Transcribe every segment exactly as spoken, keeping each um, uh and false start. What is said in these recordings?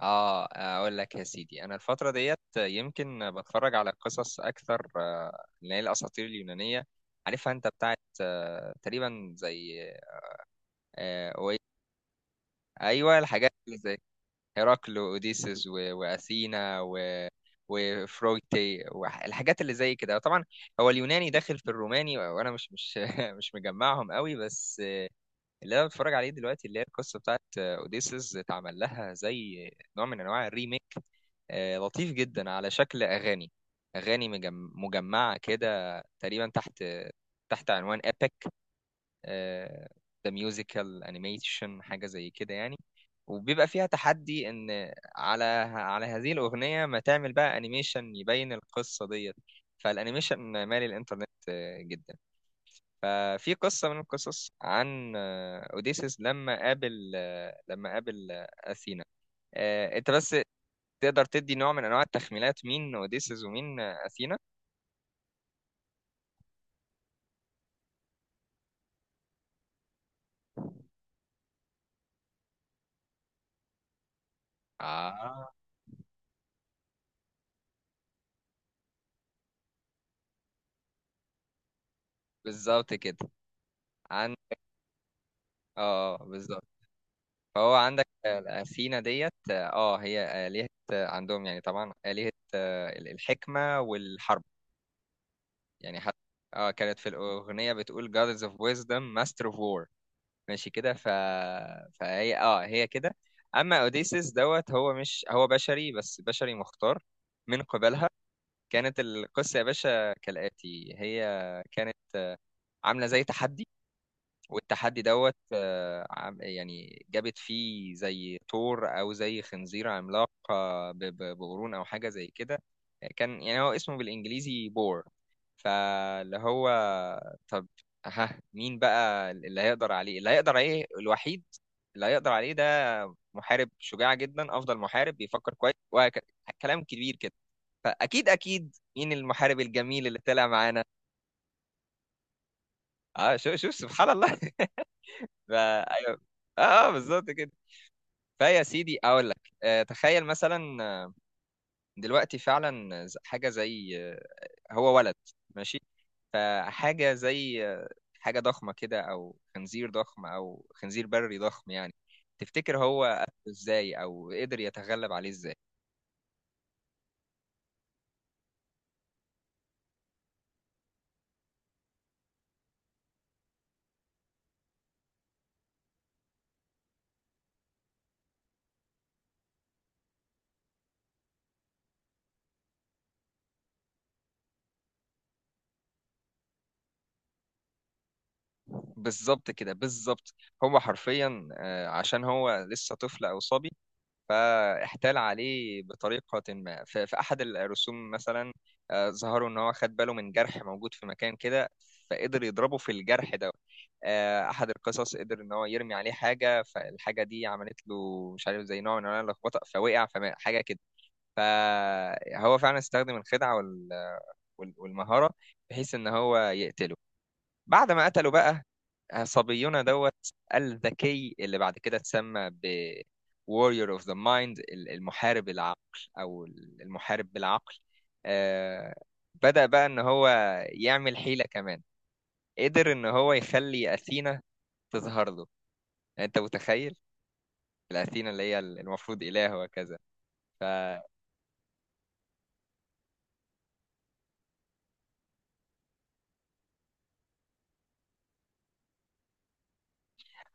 اه، اقول لك يا سيدي، انا الفتره ديت يمكن بتفرج على قصص اكثر، آه، اللي هي الاساطير اليونانيه. عارفها انت، بتاعت آه، تقريبا زي آه، أوي- ايوه، الحاجات اللي زي هيراكل واوديسيس و- واثينا و وفرويتي والحاجات اللي زي كده. طبعا هو اليوناني داخل في الروماني، وانا مش مش مش مجمعهم قوي. بس اللي انا بتفرج عليه دلوقتي اللي هي القصه بتاعت آه، اوديسيس، اتعمل لها زي نوع من انواع الريميك، آه، لطيف جدا، على شكل اغاني، اغاني مجم- مجمعه كده تقريبا تحت تحت عنوان ايبك ذا ميوزيكال انيميشن، حاجه زي كده يعني. وبيبقى فيها تحدي ان على على هذه الاغنيه ما تعمل بقى انيميشن يبين القصه ديت. فالانيميشن مالي الانترنت آه، جدا. ففي قصه من القصص عن آه، اوديسيس لما قابل آه، لما قابل آه، اثينا. آه، انت بس تقدر تدي نوع من انواع التخمينات، مين اوديسيس ومين اثينا؟ اه بالظبط كده. عن، اه بالظبط. فهو عندك آه، اثينا ديت، اه هي آلهة، آه، عندهم يعني، طبعا آلهة آه، الحكمة والحرب يعني. حتى اه كانت في الأغنية بتقول Goddess of Wisdom Master of War، ماشي كده. ف... فهي اه هي كده. أما أوديسيس دوت، هو مش هو بشري، بس بشري مختار من قبلها. كانت القصة يا باشا كالآتي: هي كانت عاملة زي تحدي، والتحدي دوت آه، عم- يعني جابت فيه زي ثور أو زي خنزير عملاق، آه، ب- ب- بقرون أو حاجة زي كده. كان يعني هو اسمه بالإنجليزي بور. فاللي هو، طب ها مين بقى اللي هيقدر عليه؟ اللي هيقدر عليه الوحيد، اللي هيقدر عليه ده، محارب شجاع جدا، أفضل محارب، بيفكر كويس وكلام كبير كده. فاكيد اكيد مين المحارب الجميل اللي طلع معانا؟ اه، شوف شوف سبحان الله. ف- ايوه، اه آه، بالظبط كده. فيا سيدي اقول لك، آه، تخيل مثلا آه، دلوقتي فعلا ز- حاجه زي آه، هو ولد ماشي، فحاجه زي آه، حاجه ضخمه كده، او خنزير ضخم، او خنزير بري ضخم يعني. تفتكر هو قتله ازاي او قدر يتغلب عليه ازاي؟ بالظبط كده بالظبط. هو حرفيا آه، عشان هو لسه طفل او صبي، فاحتال عليه بطريقة ما. ف- في أحد الرسوم مثلا آه، ظهروا إن هو خد باله من جرح موجود في مكان كده، فقدر يضربه في الجرح ده. آه، أحد القصص قدر إن هو يرمي عليه حاجة، فالحاجة دي عملت له مش عارف زي نوع من أنواع اللخبطة، فوقع فحاجة كده. فهو فعلا استخدم الخدعة وال- وال- والمهارة، بحيث إن هو يقتله. بعد ما قتلوا بقى، صبينا دوت الذكي، اللي بعد كده اتسمى ب Warrior of the Mind، ال- المحارب العقل، أو المحارب بالعقل. آه، بدأ بقى إن هو يعمل حيلة كمان، قدر إن هو يخلي أثينا تظهر له. يعني أنت متخيل؟ الأثينا اللي هي المفروض إله وكذا.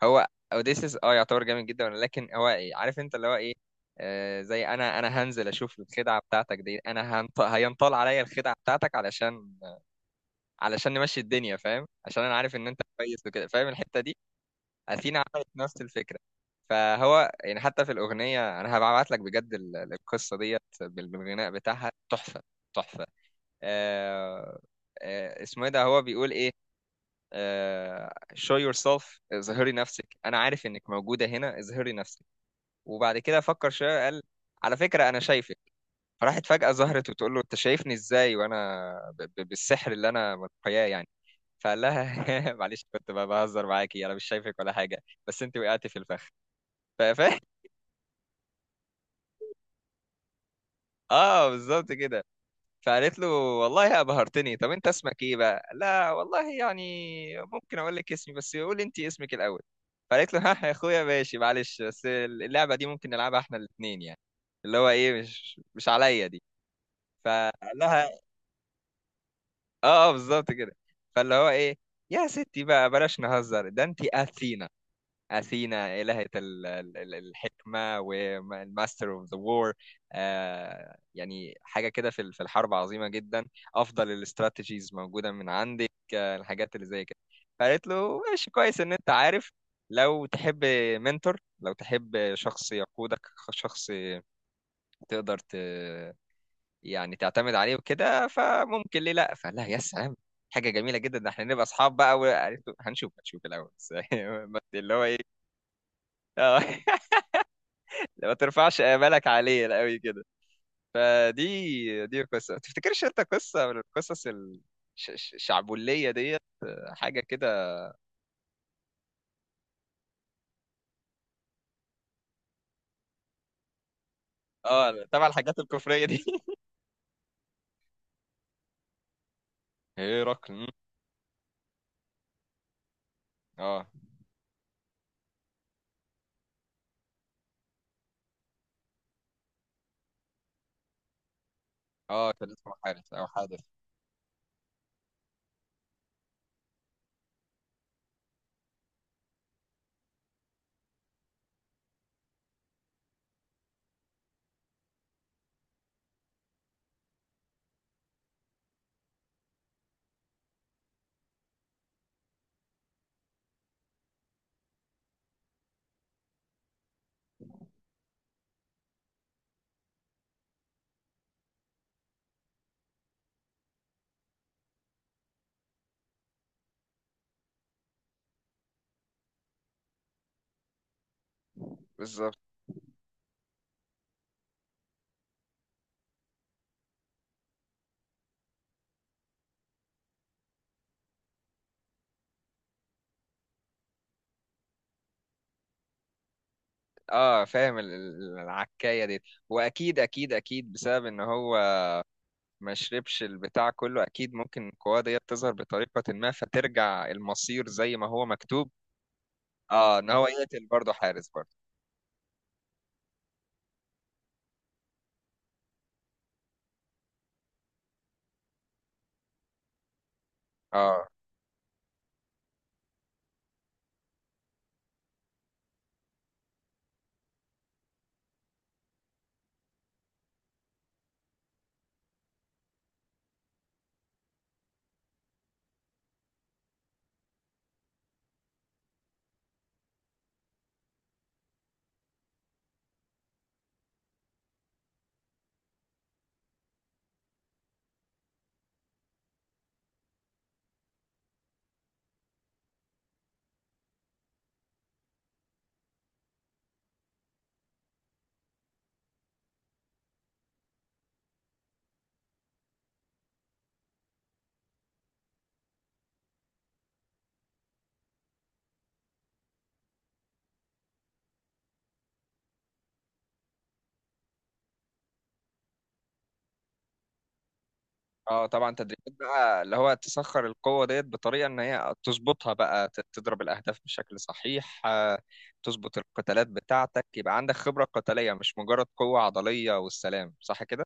هو اوديسيس اه يعتبر جامد جدا، لكن هو ايه عارف انت اللي هو ايه، آه زي انا انا هنزل اشوف الخدعه بتاعتك دي، انا هنط... هينطال عليا الخدعه بتاعتك علشان علشان نمشي الدنيا، فاهم؟ عشان انا عارف ان انت كويس وكده، فاهم الحته دي. اثينا عملت نفس الفكره. فهو يعني حتى في الاغنيه، انا هبعت لك بجد ال- القصه ديت بال- بالغناء بتاعها، تحفه تحفه. آه آه اسمه ايه ده، هو بيقول ايه، آه، show yourself، اظهري نفسك، انا عارف انك موجوده هنا، اظهري نفسك. وبعد كده فكر شويه قال: على فكره انا شايفك. فراحت فجاه ظهرت وتقول له: انت شايفني ازاي وانا ب- ب- بالسحر اللي انا متخياه يعني؟ فقال لها معلش، كنت ب- بهزر معاكي، انا مش شايفك ولا حاجه، بس انت وقعتي في الفخ. ف... ف... اه بالظبط كده. فقالت له: والله يا بهرتني، طب انت اسمك ايه بقى؟ لا والله يعني، ممكن اقول لك اسمي، بس قول انت اسمك الاول. فقالت له ها يا اخويا، ماشي، معلش، بس اللعبه دي ممكن نلعبها احنا الاثنين يعني، اللي هو ايه، مش مش عليا دي. فقال لها: اه اه بالظبط كده. فاللي هو ايه، يا ستي بقى بلاش نهزر، ده انت اثينا، أثينا إلهة ال- ال- ال- الحكمة والماستر اوف ذا وور، يعني حاجة كده، في ال- في الحرب عظيمة جدا. أفضل الاستراتيجيز موجودة من عندك آه، الحاجات اللي زي كده. فقالت له: ماشي كويس إن أنت عارف، لو تحب منتور، لو تحب شخص يقودك، شخص تقدر ت... يعني تعتمد عليه وكده، فممكن ليه لا. فقال لها: يا سلام، حاجة جميلة جدا، ده احنا نبقى اصحاب بقى. وقالت له: هنشوف هنشوف الأول بس. بس اللي هو ايه، اه ما ترفعش آمالك عليه قوي كده. فدي دي قصة، ما تفتكرش انت قصة من القصص ال- ش- ش- الشعبولية ديت، حاجة كده. اه تبع الحاجات الكفرية دي. هيرقل. اه اه كان اسمه حارس او حادث. بالظبط. اه فاهم ال- ال- العكاية دي. واكيد اكيد اكيد بسبب ان هو ما شربش البتاع كله، اكيد ممكن القوة ديت تظهر بطريقة ما، فترجع المصير زي ما هو مكتوب. اه ان هو يقتل برضه حارس برضه. اه اه طبعا تدريبات بقى، اللي هو تسخر القوة ديت بطريقة ان هي تظبطها بقى، ت- تضرب الاهداف بشكل صحيح، آه، تظبط القتالات بتاعتك، يبقى عندك خبرة قتالية، مش مجرد قوة عضلية والسلام، صح كده؟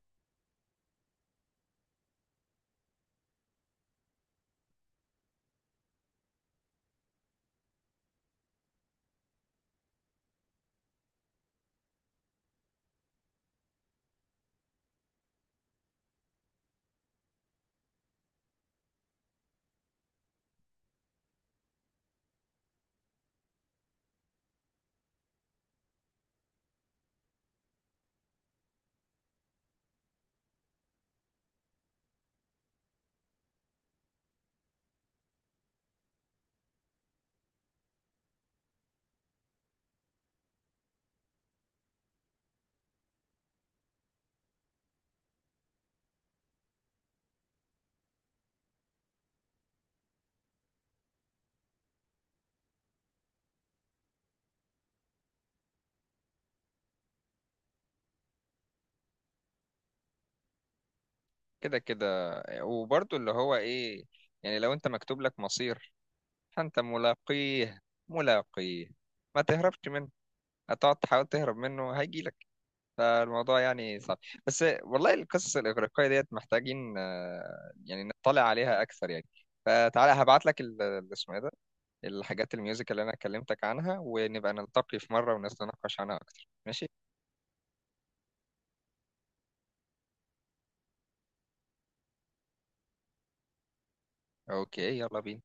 كده كده. وبرضو اللي هو ايه، يعني لو انت مكتوب لك مصير، فانت ملاقيه ملاقيه، ما تهربش منه. هتقعد تحاول تهرب منه هيجيلك. فالموضوع يعني صعب، بس والله القصص الإغريقية ديت محتاجين آه، يعني نطلع عليها أكثر يعني. فتعالى هبعت لك ال- ال- اسمه إيه ده، الحاجات الميوزك اللي أنا كلمتك عنها، ونبقى نلتقي في مرة ونتناقش عنها أكتر، ماشي؟ أوكي، يلا بينا.